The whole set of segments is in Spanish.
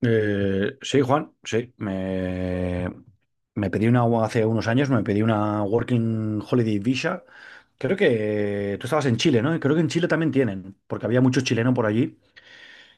Sí, Juan, sí. Me pedí una, hace unos años, me pedí una Working Holiday Visa. Creo que tú estabas en Chile, ¿no? Y creo que en Chile también tienen, porque había mucho chileno por allí,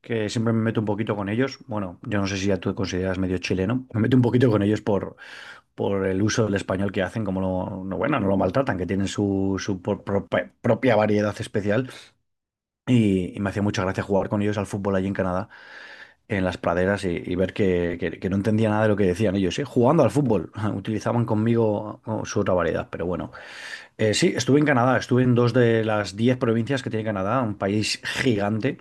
que siempre me meto un poquito con ellos. Bueno, yo no sé si ya tú te consideras medio chileno. Me meto un poquito con ellos por el uso del español que hacen, como lo, no, bueno, no lo maltratan, que tienen su propia variedad especial. Y me hacía mucha gracia jugar con ellos al fútbol allí en Canadá, en las praderas, y ver que no entendía nada de lo que decían ellos, ¿eh? Jugando al fútbol. Utilizaban conmigo oh, su otra variedad, pero bueno. Sí, estuve en Canadá, estuve en dos de las 10 provincias que tiene Canadá, un país gigante,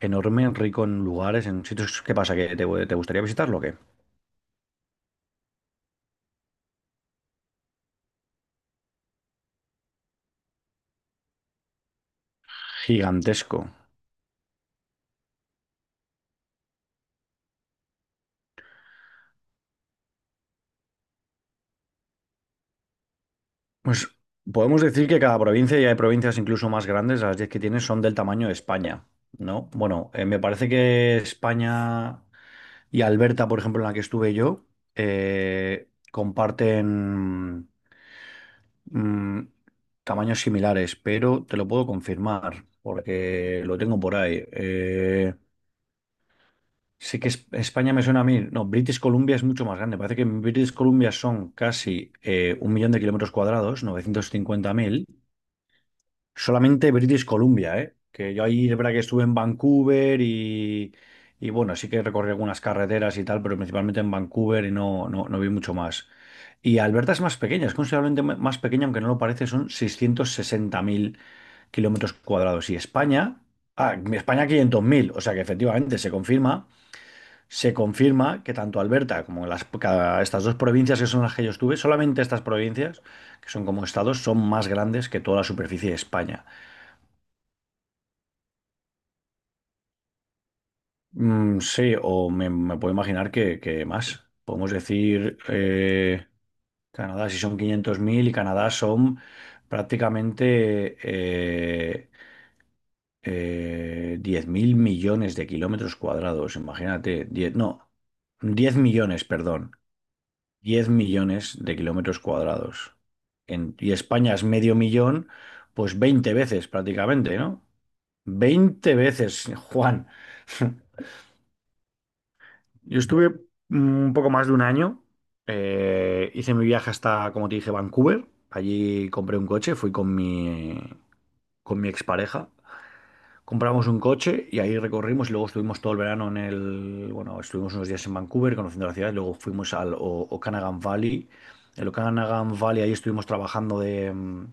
enorme, rico en lugares, en sitios. ¿Qué pasa? ¿Que te gustaría visitarlo o qué? Gigantesco. Pues podemos decir que cada provincia, y hay provincias incluso más grandes, las 10 que tiene son del tamaño de España, ¿no? Bueno, me parece que España y Alberta, por ejemplo, en la que estuve yo, comparten mm, tamaños similares, pero te lo puedo confirmar porque lo tengo por ahí. Sí que España me suena a mí. No, British Columbia es mucho más grande. Parece que en British Columbia son casi un millón de kilómetros cuadrados, 950.000. Solamente British Columbia, ¿eh? Que yo ahí es verdad que estuve en Vancouver y bueno, sí que recorrí algunas carreteras y tal, pero principalmente en Vancouver y no vi mucho más. Y Alberta es más pequeña, es considerablemente más pequeña, aunque no lo parece, son 660.000 kilómetros cuadrados. Y España, ah, España 500.000, o sea que efectivamente se confirma que tanto Alberta como estas dos provincias que son las que yo estuve, solamente estas provincias, que son como estados, son más grandes que toda la superficie de España. Mm, sí, o me puedo imaginar que más. Podemos decir, Canadá si son 500.000 y Canadá son prácticamente 10.000 millones de kilómetros cuadrados. Imagínate, 10, no, 10 millones, perdón, 10 millones de kilómetros cuadrados. Y España es medio millón, pues 20 veces prácticamente, ¿no? 20 veces, Juan. Yo estuve un poco más de un año. Hice mi viaje hasta, como te dije, Vancouver. Allí compré un coche, fui con mi expareja. Compramos un coche y ahí recorrimos y luego estuvimos todo el verano Bueno, estuvimos unos días en Vancouver conociendo la ciudad. Y luego fuimos al Okanagan Valley. El Okanagan Valley, ahí estuvimos trabajando de, mm,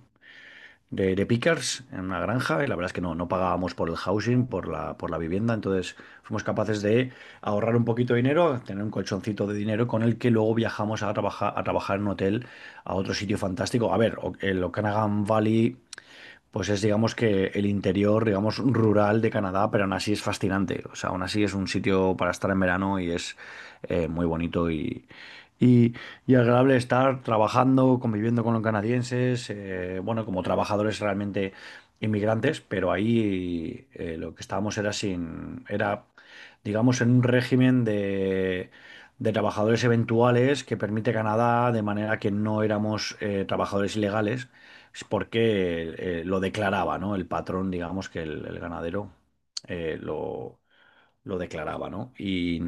de, de pickers en una granja y la verdad es que no pagábamos por el housing, por la vivienda, entonces fuimos capaces de ahorrar un poquito de dinero, tener un colchoncito de dinero con el que luego viajamos a trabajar en un hotel a otro sitio fantástico. A ver, el Okanagan Valley pues es, digamos que el interior, digamos, rural de Canadá, pero aún así es fascinante. O sea, aún así es un sitio para estar en verano y es muy bonito y, y agradable estar trabajando, conviviendo con los canadienses, bueno, como trabajadores realmente inmigrantes, pero ahí lo que estábamos era sin, era, digamos, en un régimen de trabajadores eventuales que permite Canadá, de manera que no éramos trabajadores ilegales es porque lo declaraba, ¿no? El patrón, digamos que el ganadero eh, lo, lo declaraba, ¿no? Y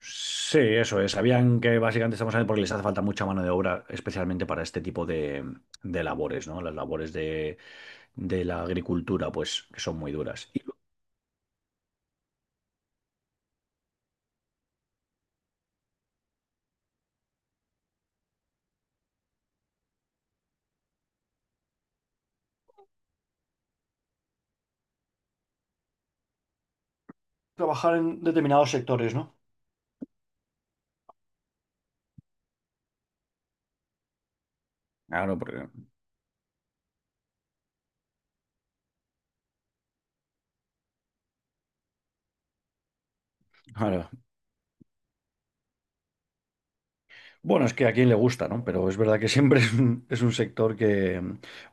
sí, eso es. Sabían que básicamente estamos hablando porque les hace falta mucha mano de obra, especialmente para este tipo de labores, ¿no? Las labores de la agricultura, pues, que son muy duras. Y trabajar en determinados sectores, ¿no? Claro, porque claro, bueno, es que a quien le gusta, ¿no? Pero es verdad que siempre es un sector que...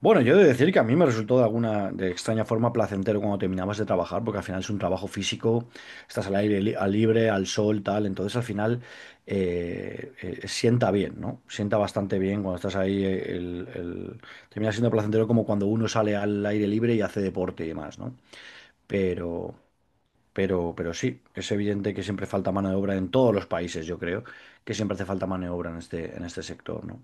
Bueno, yo he de decir que a mí me resultó de alguna de extraña forma placentero cuando terminabas de trabajar, porque al final es un trabajo físico, estás al aire li- al libre, al sol, tal, entonces al final sienta bien, ¿no? Sienta bastante bien cuando estás ahí, termina siendo placentero como cuando uno sale al aire libre y hace deporte y demás, ¿no? Pero... pero sí, es evidente que siempre falta mano de obra en todos los países, yo creo, que siempre hace falta mano de obra en este sector, ¿no?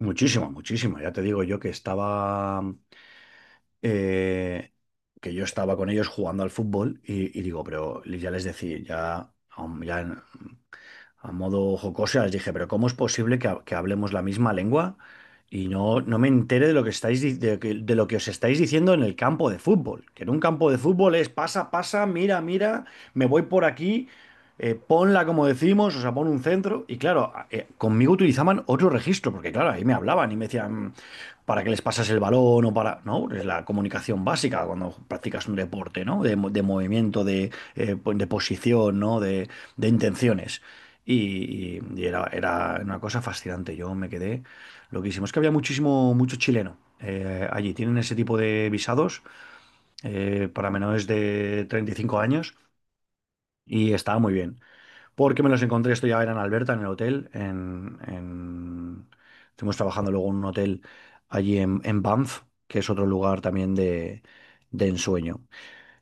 Muchísimo, muchísimo. Ya te digo yo que eh, yo estaba con ellos jugando al fútbol y digo, pero ya les decía, ya, ya a modo jocosa, les dije, pero ¿cómo es posible que hablemos la misma lengua y no me entere de lo que estáis, de lo que os estáis diciendo en el campo de fútbol? Que en un campo de fútbol es pasa, pasa, mira, mira, me voy por aquí, ponla como decimos, o sea, pon un centro. Y claro, conmigo utilizaban otro registro, porque claro, ahí me hablaban y me decían, ¿para qué les pasas el balón o para? No, es la comunicación básica cuando practicas un deporte, ¿no? De, de movimiento, de, pues, de posición, ¿no? De intenciones. Y era una cosa fascinante. Yo me quedé loquísimo. Es que había mucho chileno allí. Tienen ese tipo de visados para menores de 35 años y estaba muy bien. Porque me los encontré, esto ya era en Alberta, en el hotel. Estuvimos trabajando luego en un hotel allí en Banff, que es otro lugar también de ensueño.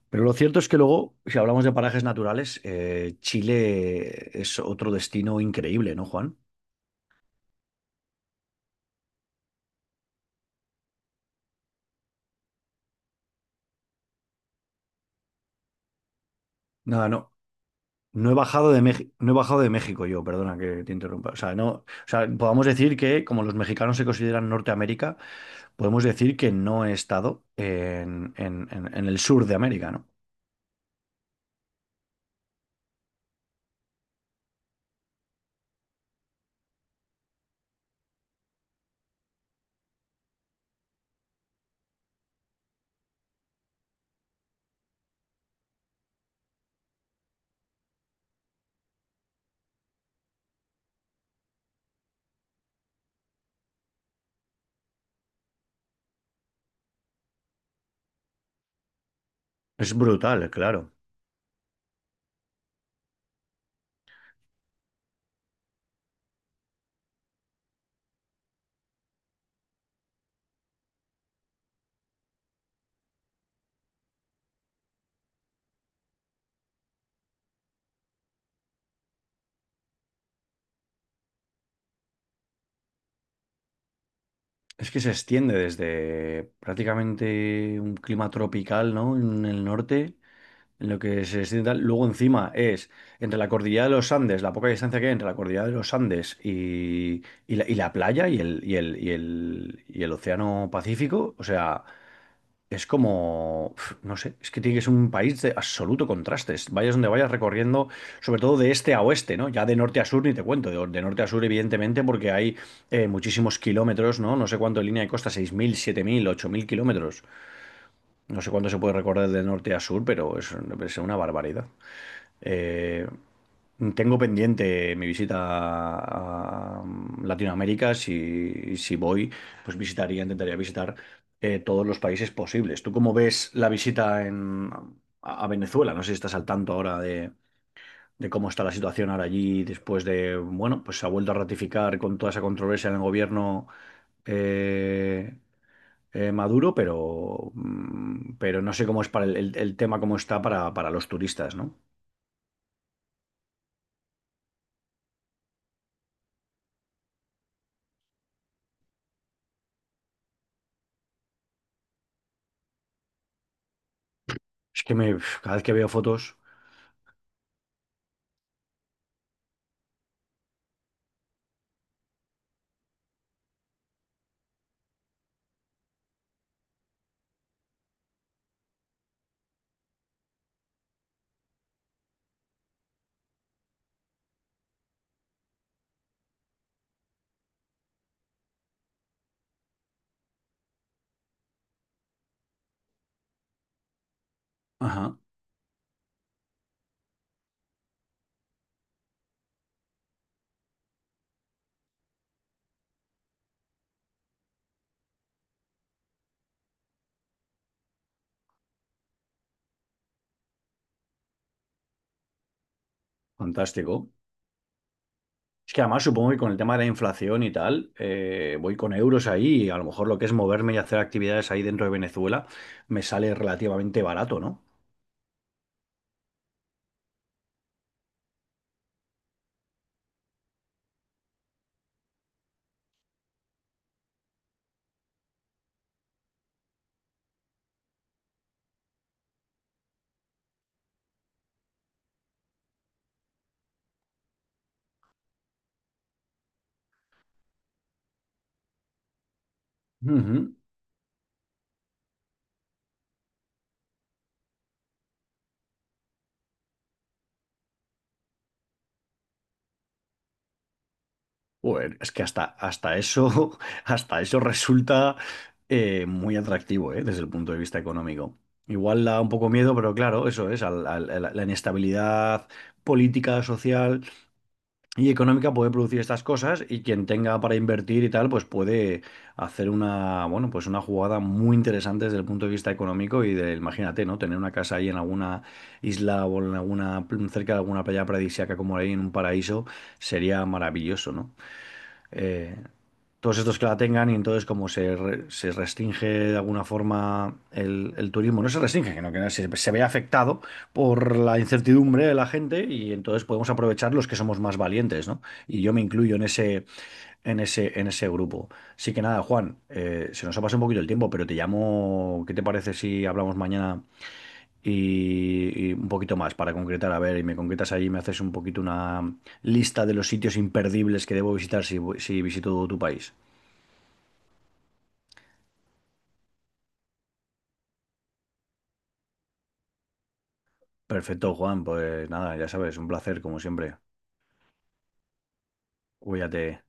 Pero lo cierto es que luego, si hablamos de parajes naturales, Chile es otro destino increíble, ¿no, Juan? Nada, no. No he bajado de México, no he bajado de México yo, perdona que te interrumpa. O sea, no, o sea, podamos decir que, como los mexicanos se consideran Norteamérica, podemos decir que no he estado en el sur de América, ¿no? Es brutal, claro. Es que se extiende desde prácticamente un clima tropical, ¿no? En el norte, en lo que se extiende tal. Luego encima es entre la cordillera de los Andes, la poca distancia que hay entre la cordillera de los Andes y la playa y el océano Pacífico. O sea, es como, no sé, es que tiene que ser un país de absoluto contrastes. Vayas donde vayas recorriendo, sobre todo de este a oeste, ¿no? Ya de norte a sur ni te cuento, de norte a sur evidentemente porque hay muchísimos kilómetros, ¿no? No sé cuánto de línea de costa, 6.000, 7.000, 8.000 kilómetros. No sé cuánto se puede recorrer de norte a sur, pero es una barbaridad. Eh, tengo pendiente mi visita a Latinoamérica. Si voy, pues visitaría, intentaría visitar todos los países posibles. ¿Tú cómo ves la visita en, a Venezuela? No sé si estás al tanto ahora de cómo está la situación ahora allí después de, bueno, pues se ha vuelto a ratificar con toda esa controversia en el gobierno eh, Maduro, pero no sé cómo es para el tema, cómo está para los turistas, ¿no? Es que cada vez que veo fotos, ajá, fantástico. Es que además supongo que con el tema de la inflación y tal, voy con euros ahí y a lo mejor lo que es moverme y hacer actividades ahí dentro de Venezuela me sale relativamente barato, ¿no? Ujú. Joder, es que hasta eso, hasta eso resulta muy atractivo, ¿eh? Desde el punto de vista económico. Igual da un poco miedo, pero claro, eso es, la inestabilidad política, social y económica puede producir estas cosas y quien tenga para invertir y tal, pues puede hacer una, bueno, pues una jugada muy interesante desde el punto de vista económico y de, imagínate, ¿no? Tener una casa ahí en alguna isla o en alguna, cerca de alguna playa paradisíaca como ahí en un paraíso sería maravilloso, ¿no? eh, todos estos que la tengan y entonces como se restringe de alguna forma el turismo, no se restringe, sino que se ve afectado por la incertidumbre de la gente y entonces podemos aprovechar los que somos más valientes, ¿no? Y yo me incluyo en ese grupo. Así que nada, Juan, se nos ha pasado un poquito el tiempo, pero te llamo, ¿qué te parece si hablamos mañana y un poquito más para concretar, a ver, y me concretas ahí, me haces un poquito una lista de los sitios imperdibles que debo visitar si visito tu país. Perfecto, Juan, pues nada, ya sabes, un placer como siempre. Cuídate.